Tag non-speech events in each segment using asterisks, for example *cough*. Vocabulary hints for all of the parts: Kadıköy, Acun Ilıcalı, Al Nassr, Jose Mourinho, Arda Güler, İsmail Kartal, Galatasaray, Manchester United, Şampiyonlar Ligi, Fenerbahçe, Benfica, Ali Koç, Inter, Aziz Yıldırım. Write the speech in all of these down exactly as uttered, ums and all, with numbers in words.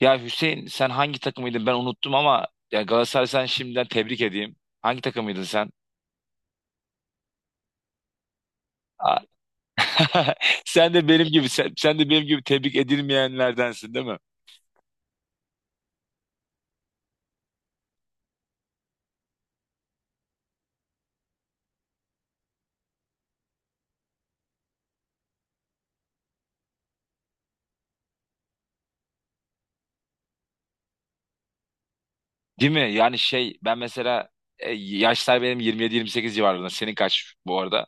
Ya Hüseyin, sen hangi takımıydın ben unuttum ama ya Galatasaray, sen şimdiden tebrik edeyim. Hangi takımıydın sen? Aa. *laughs* Sen de benim gibi sen, sen de benim gibi tebrik edilmeyenlerdensin, değil mi? Değil mi? Yani şey, ben mesela e, yaşlar benim yirmi yedi yirmi sekiz civarında. Senin kaç bu arada?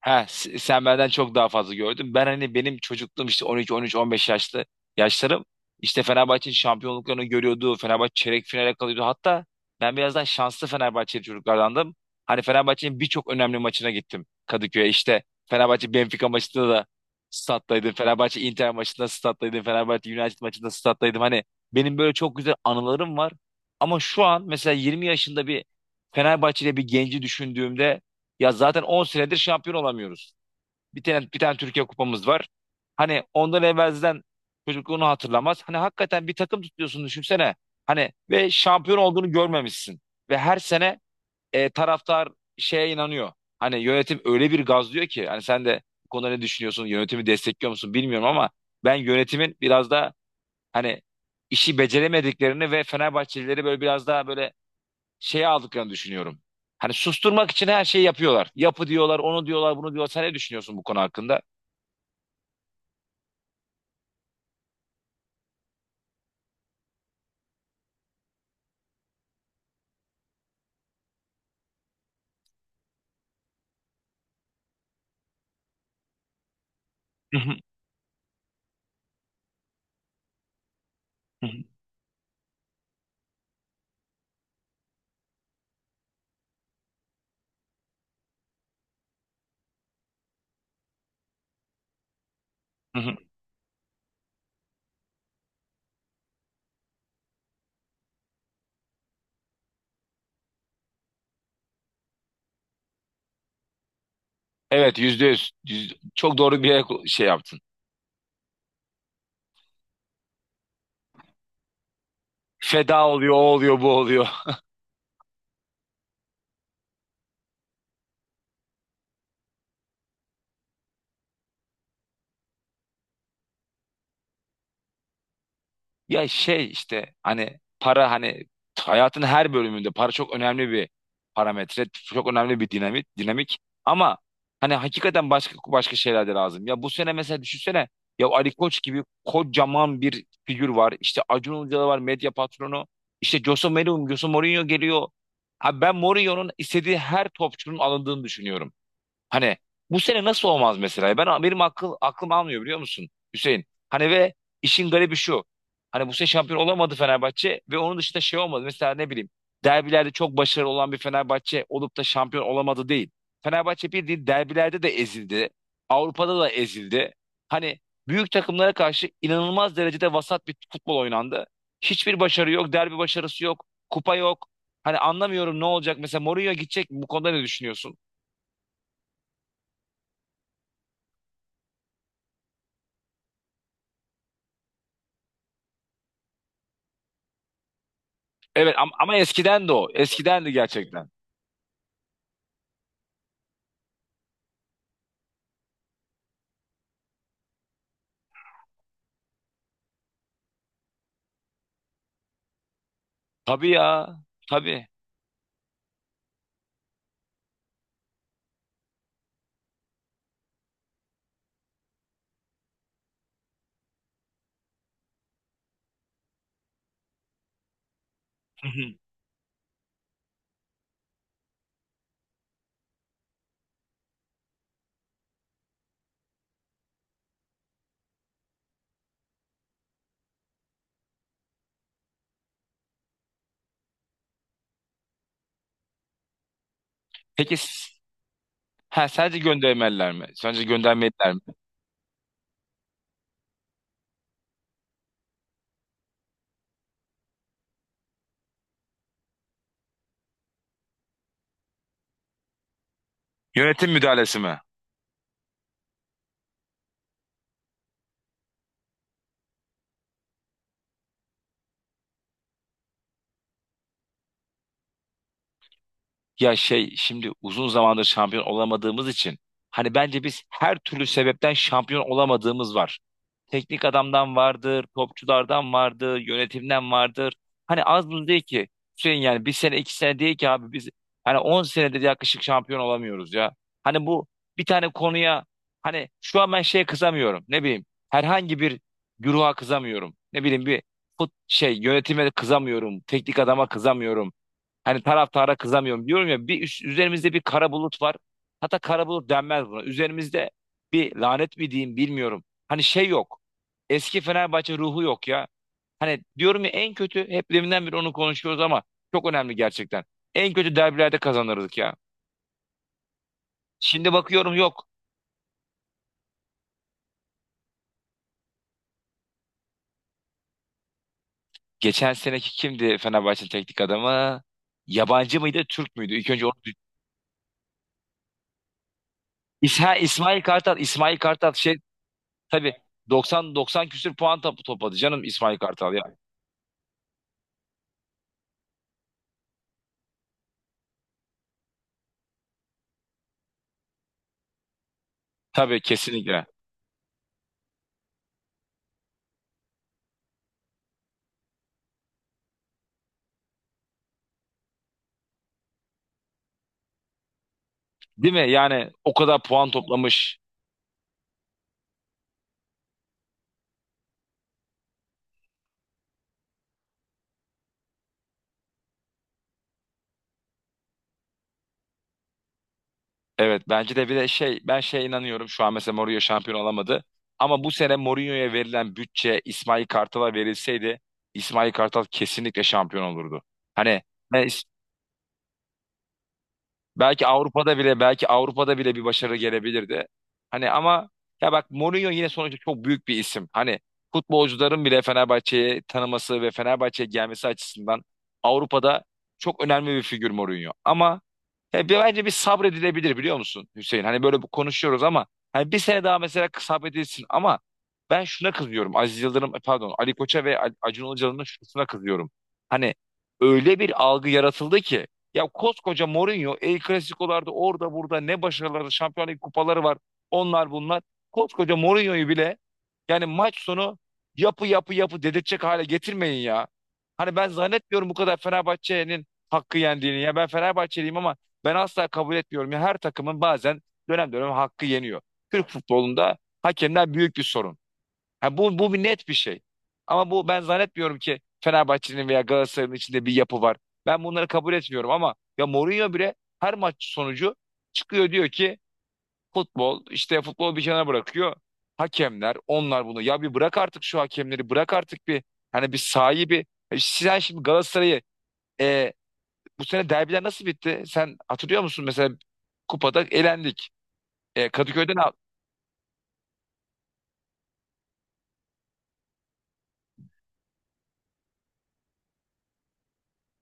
Ha, s- sen benden çok daha fazla gördün. Ben hani, benim çocukluğum işte on iki, on üç, on beş yaşlı yaşlarım. İşte Fenerbahçe'nin şampiyonluklarını görüyordu. Fenerbahçe çeyrek finale kalıyordu. Hatta ben birazdan şanslı Fenerbahçeli çocuklardandım. Hani Fenerbahçe'nin birçok önemli maçına gittim Kadıköy'e. İşte Fenerbahçe Benfica maçında da stat'taydım. Fenerbahçe Inter maçında stat'taydım. Fenerbahçe United maçında stat'taydım. Hani benim böyle çok güzel anılarım var. Ama şu an mesela yirmi yaşında bir Fenerbahçeli bir genci düşündüğümde, ya zaten on senedir şampiyon olamıyoruz. Bir tane bir tane Türkiye kupamız var. Hani ondan evvelden çocukluğunu hatırlamaz. Hani hakikaten bir takım tutuyorsun, düşünsene. Hani ve şampiyon olduğunu görmemişsin. Ve her sene e, taraftar şeye inanıyor. Hani yönetim öyle bir gazlıyor ki. Hani sen de bu konuda ne düşünüyorsun? Yönetimi destekliyor musun bilmiyorum ama ben yönetimin biraz da hani işi beceremediklerini ve Fenerbahçelileri böyle biraz daha böyle şeye aldıklarını düşünüyorum. Hani susturmak için her şeyi yapıyorlar. Yapı diyorlar, onu diyorlar, bunu diyorlar. Sen ne düşünüyorsun bu konu hakkında? *laughs* Evet, yüzde yüz. Yüz- Çok doğru bir şey yaptın. Feda oluyor, o oluyor, bu oluyor. Ya şey, işte hani para, hani hayatın her bölümünde para çok önemli bir parametre, çok önemli bir dinamik, dinamik. Ama hani hakikaten başka başka şeyler de lazım. Ya bu sene mesela düşünsene, ya Ali Koç gibi kocaman bir figür var. İşte Acun Ilıcalı var, medya patronu. İşte Jose Mourinho, Jose Mourinho geliyor. Abi ben Mourinho'nun istediği her topçunun alındığını düşünüyorum. Hani bu sene nasıl olmaz mesela? Ben benim akıl aklım almıyor, biliyor musun Hüseyin? Hani ve işin garibi şu. Hani bu sene şampiyon olamadı Fenerbahçe ve onun dışında şey olmadı. Mesela ne bileyim, derbilerde çok başarılı olan bir Fenerbahçe olup da şampiyon olamadı değil. Fenerbahçe bildiğin derbilerde de ezildi. Avrupa'da da ezildi. Hani büyük takımlara karşı inanılmaz derecede vasat bir futbol oynandı. Hiçbir başarı yok, derbi başarısı yok, kupa yok. Hani anlamıyorum ne olacak. Mesela Mourinho gidecek mi? Bu konuda ne düşünüyorsun? Evet ama, ama eskiden de o. Eskiden de gerçekten. Tabii ya. Tabii. Hı hı. Peki, s- ha, sadece göndermeliler mi? Sadece göndermeliler mi? Yönetim müdahalesi mi? Ya şey, şimdi uzun zamandır şampiyon olamadığımız için hani bence biz her türlü sebepten şampiyon olamadığımız var. Teknik adamdan vardır, topçulardan vardır, yönetimden vardır. Hani az buz değil ki. Hüseyin, yani bir sene iki sene değil ki abi, biz hani on senedir yaklaşık şampiyon olamıyoruz ya. Hani bu bir tane konuya, hani şu an ben şeye kızamıyorum, ne bileyim herhangi bir güruha kızamıyorum. Ne bileyim, bir fut şey yönetime kızamıyorum, teknik adama kızamıyorum. Hani taraftara kızamıyorum, diyorum ya, bir üst- üzerimizde bir kara bulut var. Hatta kara bulut denmez buna. Üzerimizde bir lanet mi diyeyim bilmiyorum. Hani şey yok. Eski Fenerbahçe ruhu yok ya. Hani diyorum ya, en kötü hep deminden beri onu konuşuyoruz ama çok önemli gerçekten. En kötü derbilerde kazanırdık ya. Şimdi bakıyorum yok. Geçen seneki kimdi Fenerbahçe'nin teknik adamı? Yabancı mıydı, Türk müydü? İlk önce onu dü- İsha, İsmail Kartal, İsmail Kartal şey, tabii doksan doksan küsür puan topu topladı, canım İsmail Kartal ya. Tabii, kesinlikle. Değil mi? Yani o kadar puan toplamış. Evet, bence de bir de şey, ben şeye inanıyorum, şu an mesela Mourinho şampiyon olamadı. Ama bu sene Mourinho'ya verilen bütçe İsmail Kartal'a verilseydi, İsmail Kartal kesinlikle şampiyon olurdu. Hani ben is- belki Avrupa'da bile belki Avrupa'da bile bir başarı gelebilirdi. Hani ama, ya bak, Mourinho yine sonuçta çok büyük bir isim. Hani futbolcuların bile Fenerbahçe'yi tanıması ve Fenerbahçe'ye gelmesi açısından Avrupa'da çok önemli bir figür Mourinho. Ama ya bir- bence bir sabredilebilir, biliyor musun Hüseyin? Hani böyle bu- konuşuyoruz ama hani bir sene daha mesela sabredilsin, ama ben şuna kızıyorum. Aziz Yıldırım, e, pardon, Ali Koç'a ve Al- Acun Ilıcalı'nın şuna kızıyorum. Hani öyle bir algı yaratıldı ki, ya koskoca Mourinho, El Clasico'larda orada burada ne başarıları, Şampiyonlar Ligi kupaları var. Onlar bunlar. Koskoca Mourinho'yu bile yani maç sonu yapı yapı yapı dedirtecek hale getirmeyin ya. Hani ben zannetmiyorum bu kadar Fenerbahçe'nin hakkı yendiğini. Ya ben Fenerbahçeliyim ama ben asla kabul etmiyorum. Ya her takımın bazen dönem dönem hakkı yeniyor. Türk futbolunda hakemler büyük bir sorun. Ha, bu, bu bir net bir şey. Ama bu, ben zannetmiyorum ki Fenerbahçe'nin veya Galatasaray'ın içinde bir yapı var. Ben bunları kabul etmiyorum, ama ya Mourinho bile her maç sonucu çıkıyor, diyor ki futbol işte, futbol bir kenara bırakıyor. Hakemler, onlar, bunu ya bir bırak artık şu hakemleri, bırak artık bir hani bir sahibi. E, Sen şimdi Galatasaray'ı, e, bu sene derbiler nasıl bitti? Sen hatırlıyor musun mesela, kupada elendik. E, Kadıköy'de ne yap-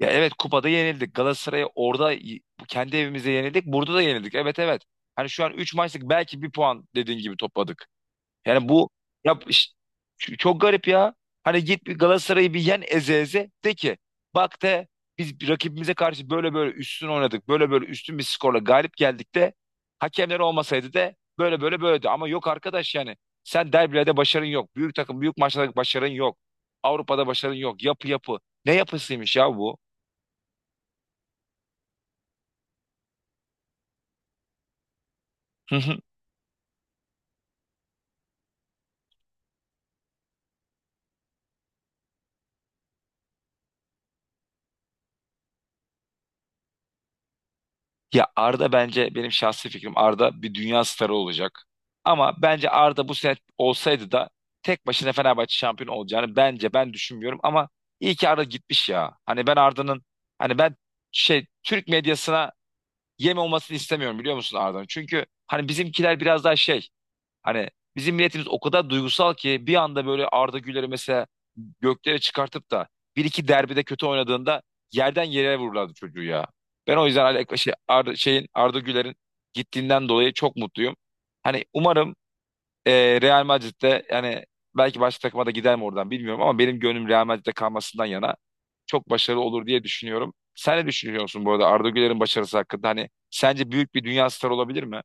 Ya evet, kupada yenildik. Galatasaray'a orada y- kendi evimizde yenildik. Burada da yenildik. Evet, evet. Hani şu an üç maçlık belki bir puan, dediğin gibi, topladık. Yani bu ya iş- ç- çok garip ya. Hani git bir Galatasaray'ı bir yen, eze eze de ki bak, de biz rakibimize karşı böyle böyle üstün oynadık. Böyle böyle üstün bir skorla galip geldik, de hakemler olmasaydı, de böyle böyle böyledi. Ama yok arkadaş yani. Sen derbilerde başarın yok. Büyük takım, büyük maçlarda başarın yok. Avrupa'da başarın yok. Yapı yapı. Ne yapısıymış ya bu? *laughs* Ya Arda, bence, benim şahsi fikrim Arda bir dünya starı olacak. Ama bence Arda bu sene olsaydı da tek başına Fenerbahçe şampiyon olacağını bence ben düşünmüyorum, ama iyi ki Arda gitmiş ya. Hani ben Arda'nın, hani ben şey Türk medyasına yem olmasını istemiyorum, biliyor musun Arda'nın? Çünkü hani bizimkiler biraz daha şey. Hani bizim milletimiz o kadar duygusal ki bir anda böyle Arda Güler'i mesela göklere çıkartıp da bir iki derbide kötü oynadığında yerden yere vururlardı çocuğu ya. Ben o yüzden Ali- şey, Arda, şeyin, Arda Güler'in gittiğinden dolayı çok mutluyum. Hani umarım e, Real Madrid'de, yani belki başka takıma da gider mi oradan bilmiyorum ama benim gönlüm Real Madrid'de kalmasından yana, çok başarılı olur diye düşünüyorum. Sen ne düşünüyorsun bu arada Arda Güler'in başarısı hakkında? Hani sence büyük bir dünya starı olabilir mi?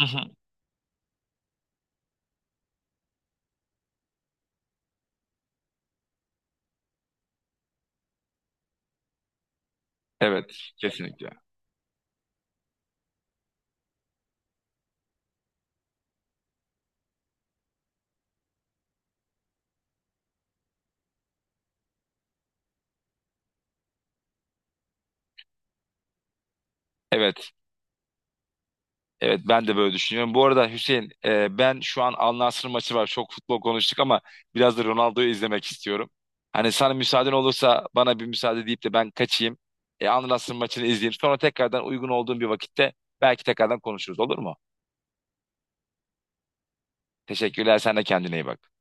Hı hı. Evet, kesinlikle. Evet. Evet, ben de böyle düşünüyorum. Bu arada Hüseyin, e, ben şu an Al Nassr maçı var. Çok futbol konuştuk ama biraz da Ronaldo'yu izlemek istiyorum. Hani sana müsaaden olursa bana bir müsaade deyip de ben kaçayım. E, Al Nassr maçını izleyeyim. Sonra tekrardan uygun olduğum bir vakitte belki tekrardan konuşuruz, olur mu? Teşekkürler. Sen de kendine iyi bak.